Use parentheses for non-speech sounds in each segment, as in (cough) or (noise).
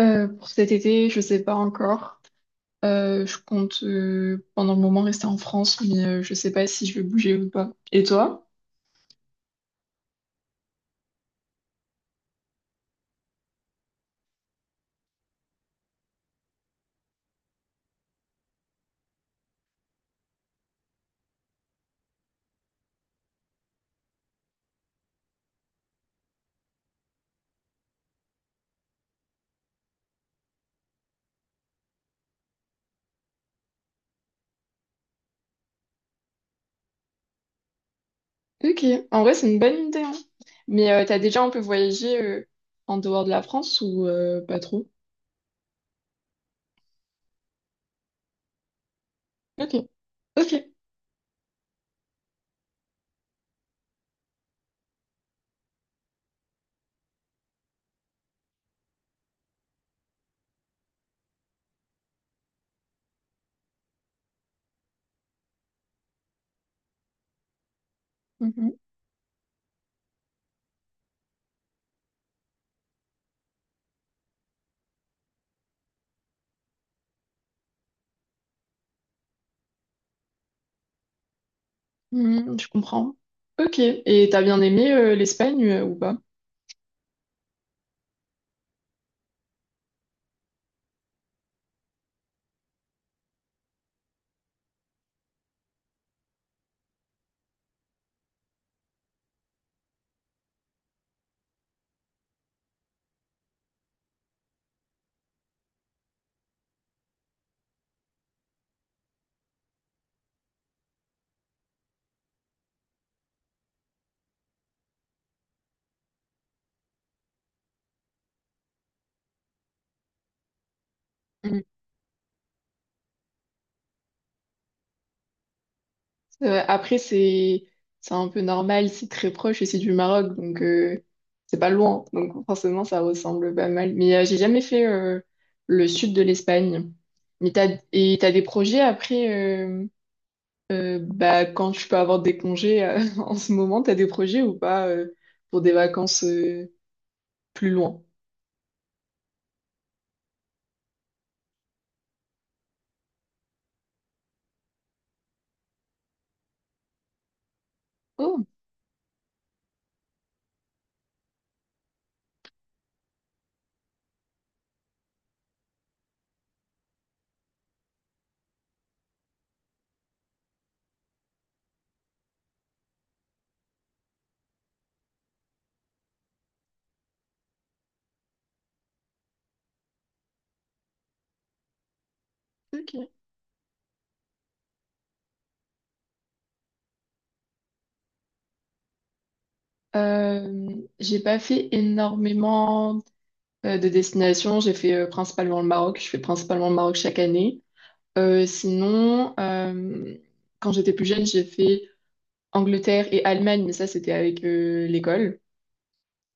Pour cet été, je sais pas encore. Je compte pendant le moment rester en France, mais je sais pas si je vais bouger ou pas. Et toi? Ok, en vrai, c'est une bonne idée, hein. Mais t'as déjà un peu voyagé en dehors de la France ou pas trop? Ok, ok. Mhm. Mhm, je comprends. Ok, et t'as bien aimé l'Espagne ou pas? Ouais, après, c'est un peu normal, c'est très proche et c'est du Maroc, donc c'est pas loin. Donc forcément, ça ressemble pas mal. Mais j'ai jamais fait le sud de l'Espagne. Mais t'as, et t'as des projets après, euh, bah, quand tu peux avoir des congés (laughs) en ce moment, t'as des projets ou pas pour des vacances plus loin? Oh, ok. Euh, j'ai pas fait énormément de destinations. J'ai fait principalement le Maroc. Je fais principalement le Maroc chaque année. Sinon, quand j'étais plus jeune, j'ai fait Angleterre et Allemagne, mais ça, c'était avec l'école.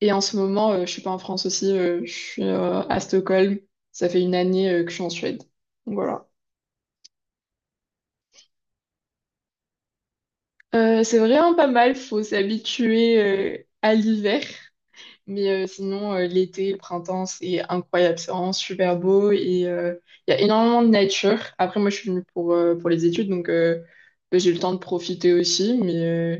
Et en ce moment, je suis pas en France aussi, je suis à Stockholm. Ça fait une année que je suis en Suède. Donc voilà. C'est vraiment pas mal, faut s'habituer à l'hiver. Mais sinon, l'été, le printemps, c'est incroyable, c'est vraiment super beau et il y a énormément de nature. Après, moi, je suis venue pour les études, donc j'ai eu le temps de profiter aussi, mais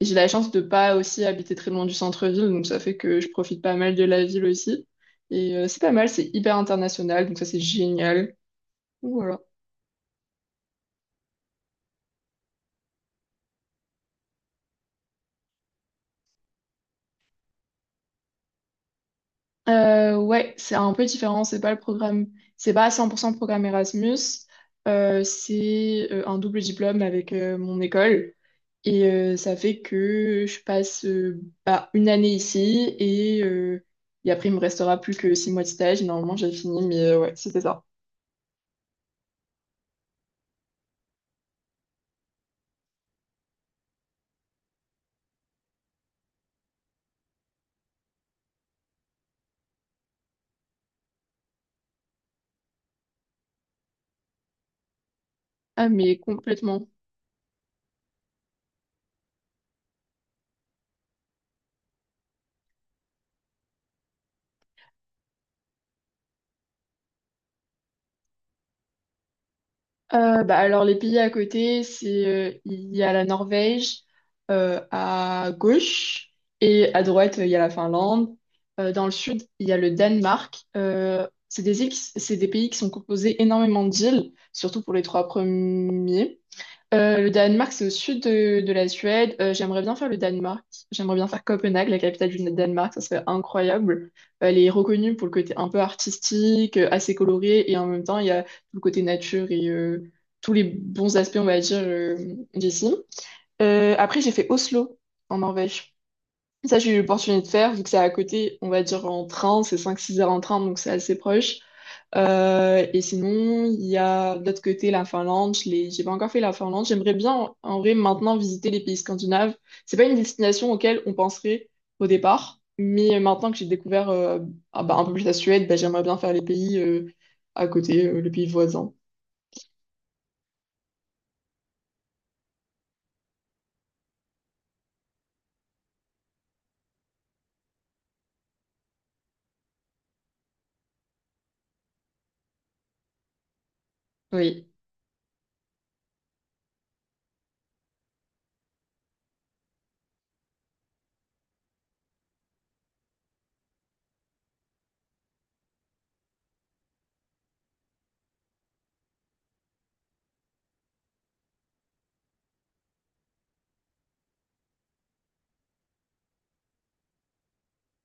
j'ai la chance de pas aussi habiter très loin du centre-ville, donc ça fait que je profite pas mal de la ville aussi. Et c'est pas mal, c'est hyper international, donc ça c'est génial. Donc voilà. Ouais, c'est un peu différent, c'est pas le programme, c'est pas à 100% programme Erasmus, c'est un double diplôme avec mon école. Et ça fait que je passe bah, une année ici et après il me restera plus que six mois de stage. Et normalement j'ai fini, mais ouais, c'était ça. Ah, mais complètement. Bah alors les pays à côté, c'est il y a la Norvège à gauche et à droite il y a la Finlande. Dans le sud il y a le Danemark. C'est des pays qui sont composés énormément d'îles, surtout pour les trois premiers. Le Danemark, c'est au sud de la Suède. J'aimerais bien faire le Danemark. J'aimerais bien faire Copenhague, la capitale du Danemark. Ça serait incroyable. Elle est reconnue pour le côté un peu artistique, assez coloré, et en même temps, il y a tout le côté nature et tous les bons aspects, on va dire, d'ici. Après, j'ai fait Oslo, en Norvège. Ça, j'ai eu l'opportunité de faire, vu que c'est à côté, on va dire, en train. C'est cinq-six heures en train, donc c'est assez proche. Et sinon, il y a de l'autre côté la Finlande. J'ai pas encore fait la Finlande. J'aimerais bien en vrai maintenant visiter les pays scandinaves. C'est pas une destination auquel on penserait au départ, mais maintenant que j'ai découvert ah bah, un peu plus la Suède, bah, j'aimerais bien faire les pays à côté, les pays voisins. Oui.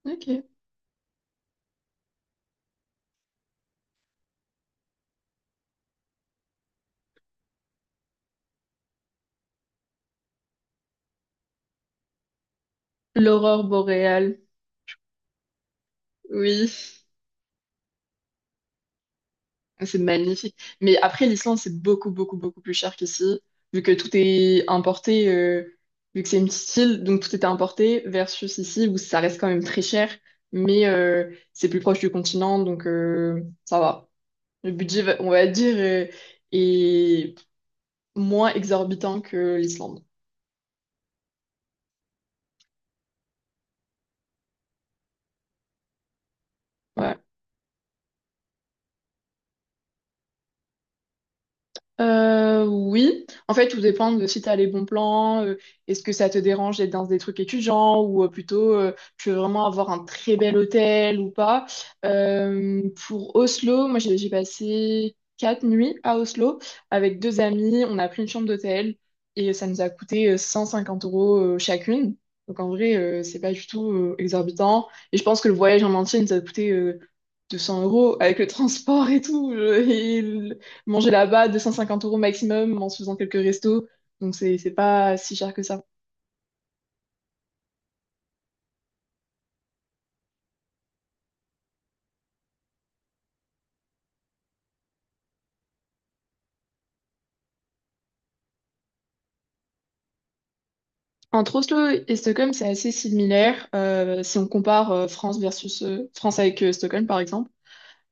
Ok. L'aurore boréale. Oui, ah, c'est magnifique. Mais après, l'Islande, c'est beaucoup, beaucoup, beaucoup plus cher qu'ici, vu que tout est importé, vu que c'est une petite île, donc tout est importé, versus ici, où ça reste quand même très cher, mais c'est plus proche du continent, donc ça va. Le budget, on va dire, est moins exorbitant que l'Islande. Ouais. Oui, en fait, tout dépend de si tu as les bons plans, est-ce que ça te dérange d'être dans des trucs étudiants ou plutôt tu veux vraiment avoir un très bel hôtel ou pas. Euh, pour Oslo, moi j'ai passé quatre nuits à Oslo avec deux amis, on a pris une chambre d'hôtel et ça nous a coûté 150 euros chacune. Donc en vrai, c'est pas du tout exorbitant et je pense que le voyage en entier nous a coûté 200 euros avec le transport et tout. (laughs) Et manger là-bas 250 euros maximum en se faisant quelques restos. Donc c'est pas si cher que ça. Entre Oslo et Stockholm, c'est assez similaire si on compare France versus France avec Stockholm par exemple.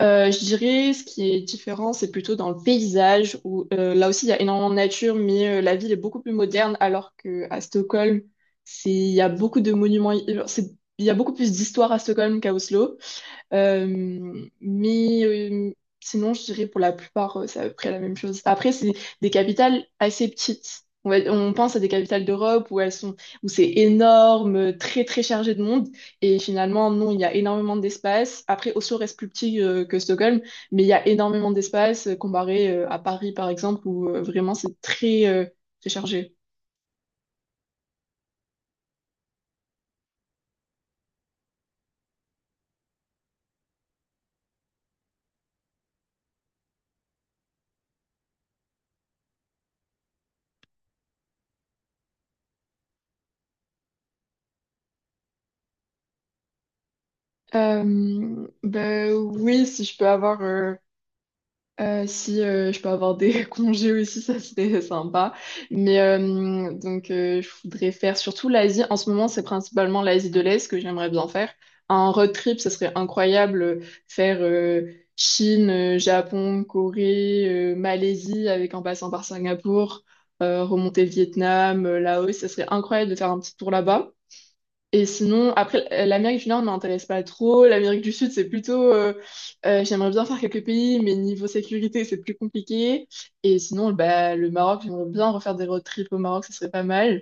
Je dirais ce qui est différent, c'est plutôt dans le paysage où là aussi il y a énormément de nature, mais la ville est beaucoup plus moderne alors que à Stockholm, c'est il y a beaucoup de monuments, c'est il y a beaucoup plus d'histoire à Stockholm qu'à Oslo. Euh, mais euh, sinon, je dirais pour la plupart, c'est à peu près la même chose. Après, c'est des capitales assez petites. On pense à des capitales d'Europe où c'est énorme, très très chargé de monde. Et finalement, non, il y a énormément d'espace. Après, Oslo reste plus petit que Stockholm, mais il y a énormément d'espace comparé à Paris, par exemple, où vraiment c'est très, très chargé. Ben oui, si je peux avoir si je peux avoir des (laughs) congés aussi, ça serait sympa. Mais donc, je voudrais faire surtout l'Asie. En ce moment, c'est principalement l'Asie de l'Est que j'aimerais bien faire. Un road trip, ça serait incroyable. Faire Chine, Japon, Corée, Malaisie, avec en passant par Singapour, remonter Vietnam, Laos, ça serait incroyable de faire un petit tour là-bas. Et sinon, après, l'Amérique du Nord m'intéresse pas trop. L'Amérique du Sud, c'est plutôt, j'aimerais bien faire quelques pays, mais niveau sécurité, c'est plus compliqué. Et sinon, bah, le Maroc, j'aimerais bien refaire des road trips au Maroc, ce serait pas mal.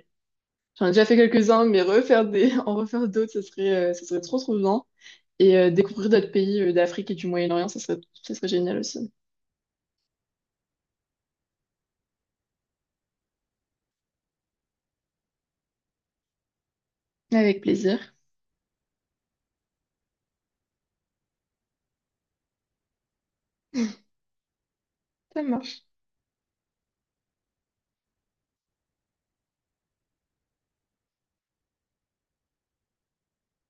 J'en ai déjà fait quelques-uns, mais (laughs) en refaire d'autres, ce serait trop, trop bien. Et découvrir d'autres pays d'Afrique et du Moyen-Orient, ce serait génial aussi. Avec plaisir. Ça marche.